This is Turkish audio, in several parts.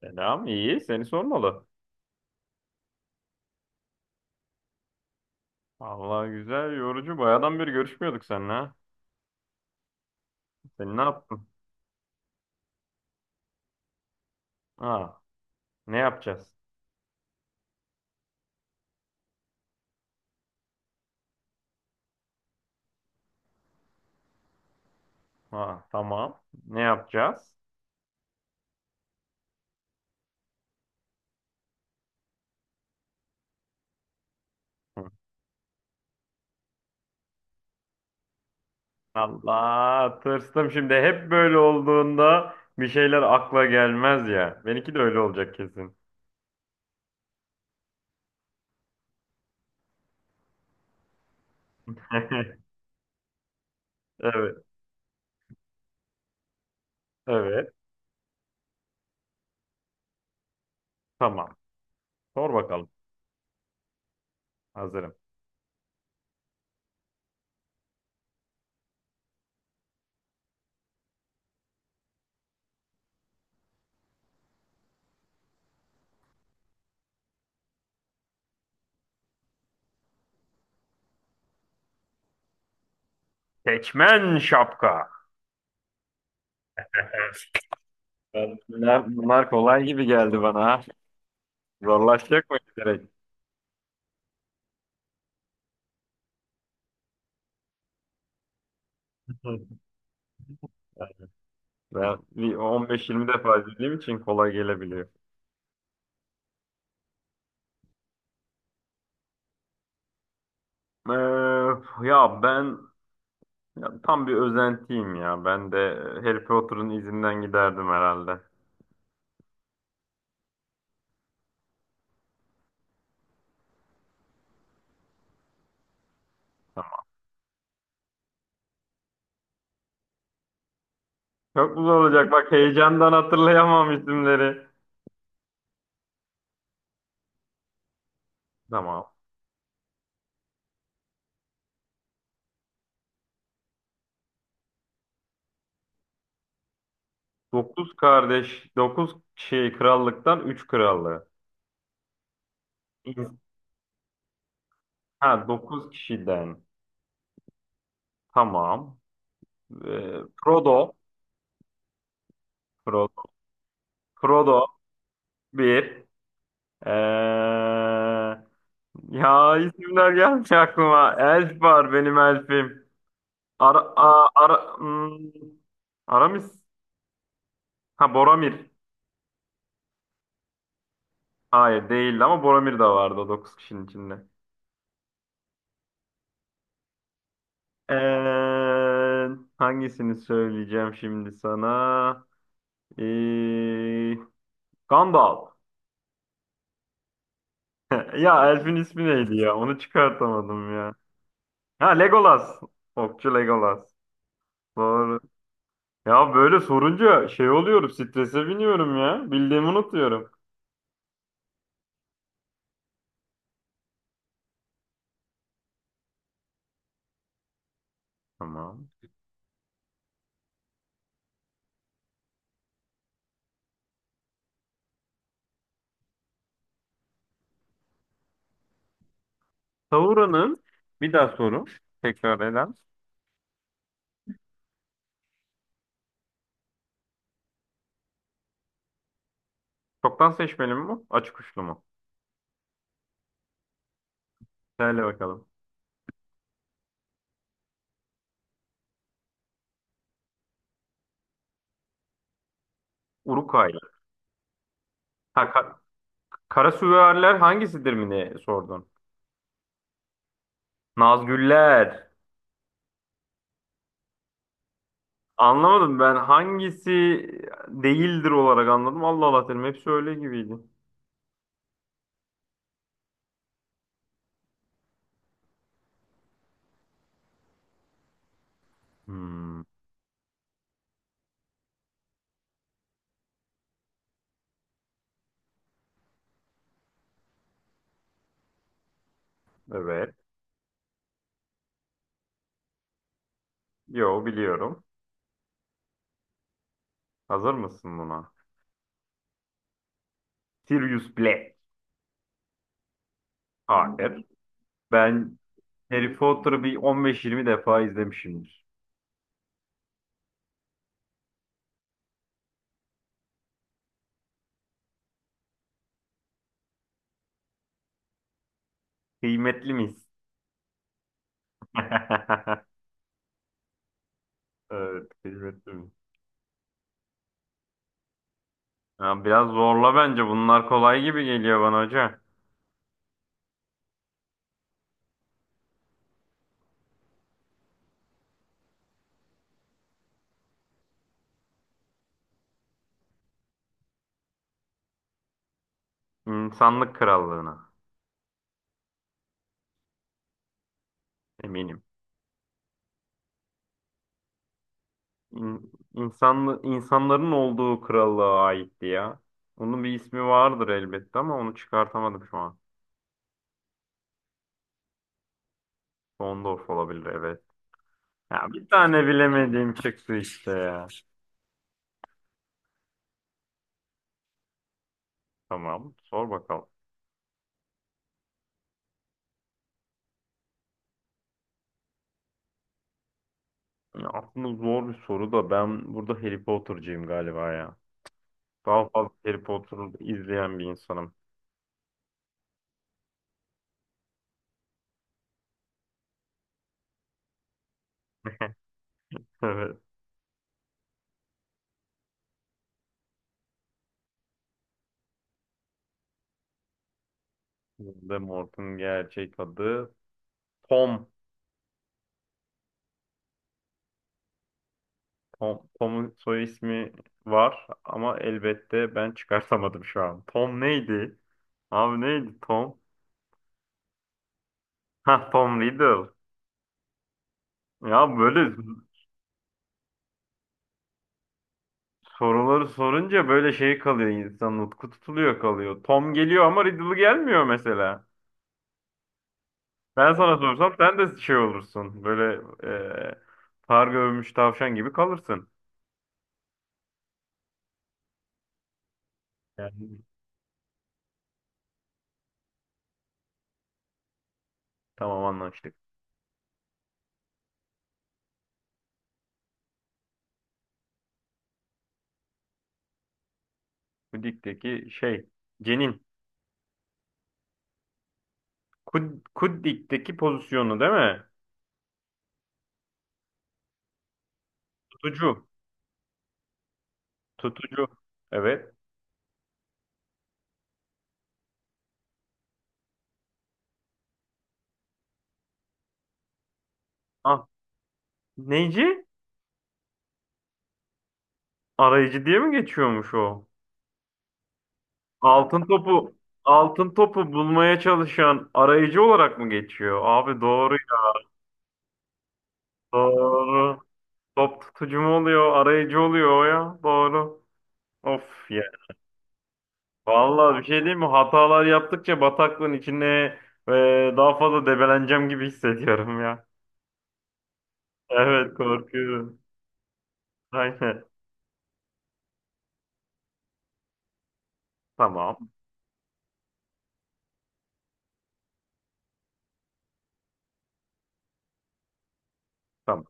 Selam, iyi. Seni sormalı. Vallahi güzel, yorucu. Bayağıdan beri görüşmüyorduk seninle. Ha. Sen ne yaptın? Ha, ne yapacağız? Ha, tamam. Ne yapacağız? Hı. Allah, tırstım şimdi. Hep böyle olduğunda bir şeyler akla gelmez ya. Benimki de öyle olacak kesin. Evet, evet. Tamam. Sor bakalım. Hazırım. Seçmen şapka. Bunlar kolay gibi geldi bana. Ha. Zorlaşacak mı direkt? Ben bir 15-20 defa izlediğim için kolay gelebiliyor. Ee, ya ben ya tam bir özentiyim ya. Ben de Harry Potter'ın izinden giderdim herhalde. Tamam. Çok güzel olacak. Bak heyecandan hatırlayamam isimleri. Tamam. Dokuz kardeş, 9 şey krallıktan üç krallığı. İns- Ha, 9 kişiden. Tamam. Ee, Frodo, Frodo, Frodo 1. Ya isimler gelmiyor aklıma. Elf var benim elfim. Ara, a- ara, hmm, Aramis. Ha, Boromir. Hayır değildi ama Boromir de vardı o 9 kişinin içinde. Ee, hangisini söyleyeceğim şimdi sana? Ee, Gandalf. Ya elfin ismi neydi ya? Onu çıkartamadım ya. Ha, Legolas. Okçu Legolas. Doğru. Ya böyle sorunca şey oluyorum, strese biniyorum ya. Bildiğimi unutuyorum. Tamam. Sauron'un bir daha soru. Tekrar eden. Çoktan seçmeli mi bu? Açık uçlu mu? Söyle bakalım. Urukaylı. Ha, kara süvariler hangisidir mi diye sordun. Nazgüller. Anlamadım, ben hangisi değildir olarak anladım. Allah Allah dedim. Hepsi öyle gibiydi. Hmm, evet. Yo, biliyorum. Hazır mısın buna? Sirius Black. Hayır. Ben Harry Potter'ı bir 15-20 defa izlemişimdir. Kıymetli miyiz? Evet, keşfettim. Ya biraz zorla bence. Bunlar kolay gibi geliyor bana hoca. İnsanlık krallığına. Eminim. İnsanların olduğu krallığa aitti ya. Onun bir ismi vardır elbette ama onu çıkartamadım şu an. Sondorf olabilir, evet. Ya bir tane bilemediğim çıktı işte ya. Tamam, sor bakalım. Ya aslında zor bir soru da ben burada Harry Potter'cıyım galiba ya. Daha fazla Harry Potter'ı izleyen bir insanım. Evet. Voldemort'un gerçek adı Tom. Tom'un soy ismi var ama elbette ben çıkartamadım şu an. Tom neydi? Abi neydi Tom? Ha, Tom Riddle. Ya böyle soruları sorunca böyle şey kalıyor, insan nutku tutuluyor kalıyor. Tom geliyor ama Riddle gelmiyor mesela. Ben sana sorsam sen de şey olursun. Böyle e, far görmüş tavşan gibi kalırsın. Yani tamam, anlaştık. Bu dikteki şey cenin. Kud, Kuddik'teki pozisyonu değil mi? Tutucu. Tutucu. Evet. Ah, neyci? Arayıcı diye mi geçiyormuş o? Altın topu altın topu bulmaya çalışan arayıcı olarak mı geçiyor? Abi, doğru. Doğru. Top tutucu mu oluyor? Arayıcı oluyor o ya. Doğru. Of ya. Vallahi bir şey diyeyim mi? Hatalar yaptıkça bataklığın içine daha fazla debeleneceğim gibi hissediyorum ya. Evet, korkuyorum. Aynen. Tamam. Tamam.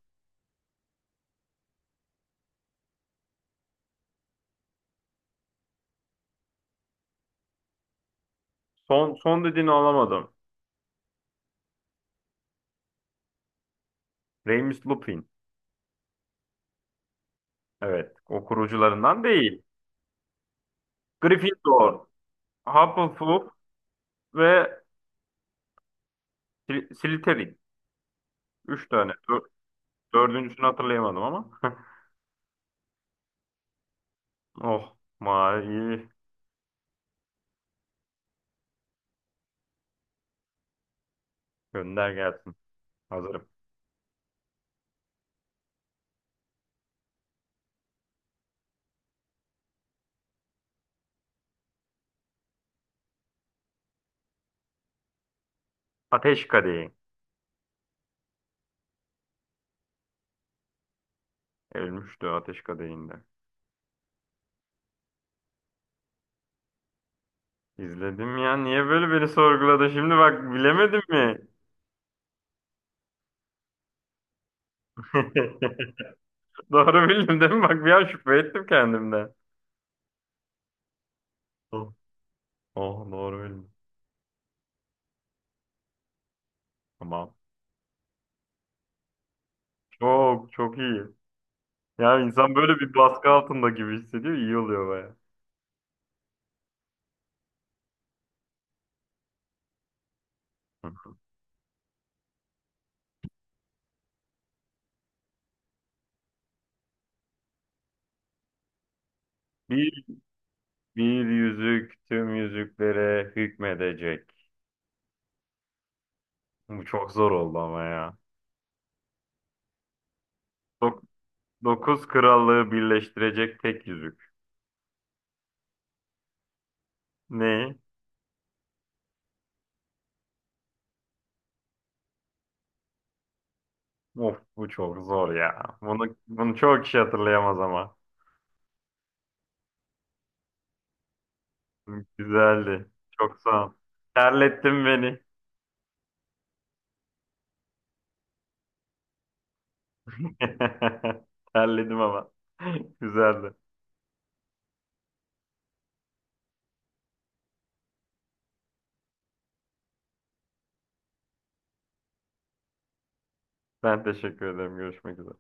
Son son dediğini alamadım. Remus Lupin. Evet. O kurucularından değil. Gryffindor, Hufflepuff ve Slytherin. Üç tane. Dördüncüsünü hatırlayamadım ama. Oh. Mavi. Gönder gelsin. Hazırım. Ateş Kadehi. Ölmüştü Ateş Kadehi'nde. İzledim ya. Niye böyle beni sorguladı? Şimdi bak, bilemedim mi? Doğru bildim değil mi? Bak, bir an şüphe ettim kendimden. Oh, oh, doğru bildim. Tamam. Çok çok iyi. Ya insan böyle bir baskı altında gibi hissediyor, iyi oluyor baya. Hı. Bir, bir yüzük tüm yüzüklere hükmedecek. Bu çok zor oldu ama ya. Dok- Dokuz krallığı birleştirecek tek yüzük. Ne? Of, bu çok zor ya. Bunu çok kişi hatırlayamaz ama. Güzeldi. Çok sağ ol. Terlettin beni. Terledim ama. Güzeldi. Ben teşekkür ederim. Görüşmek üzere.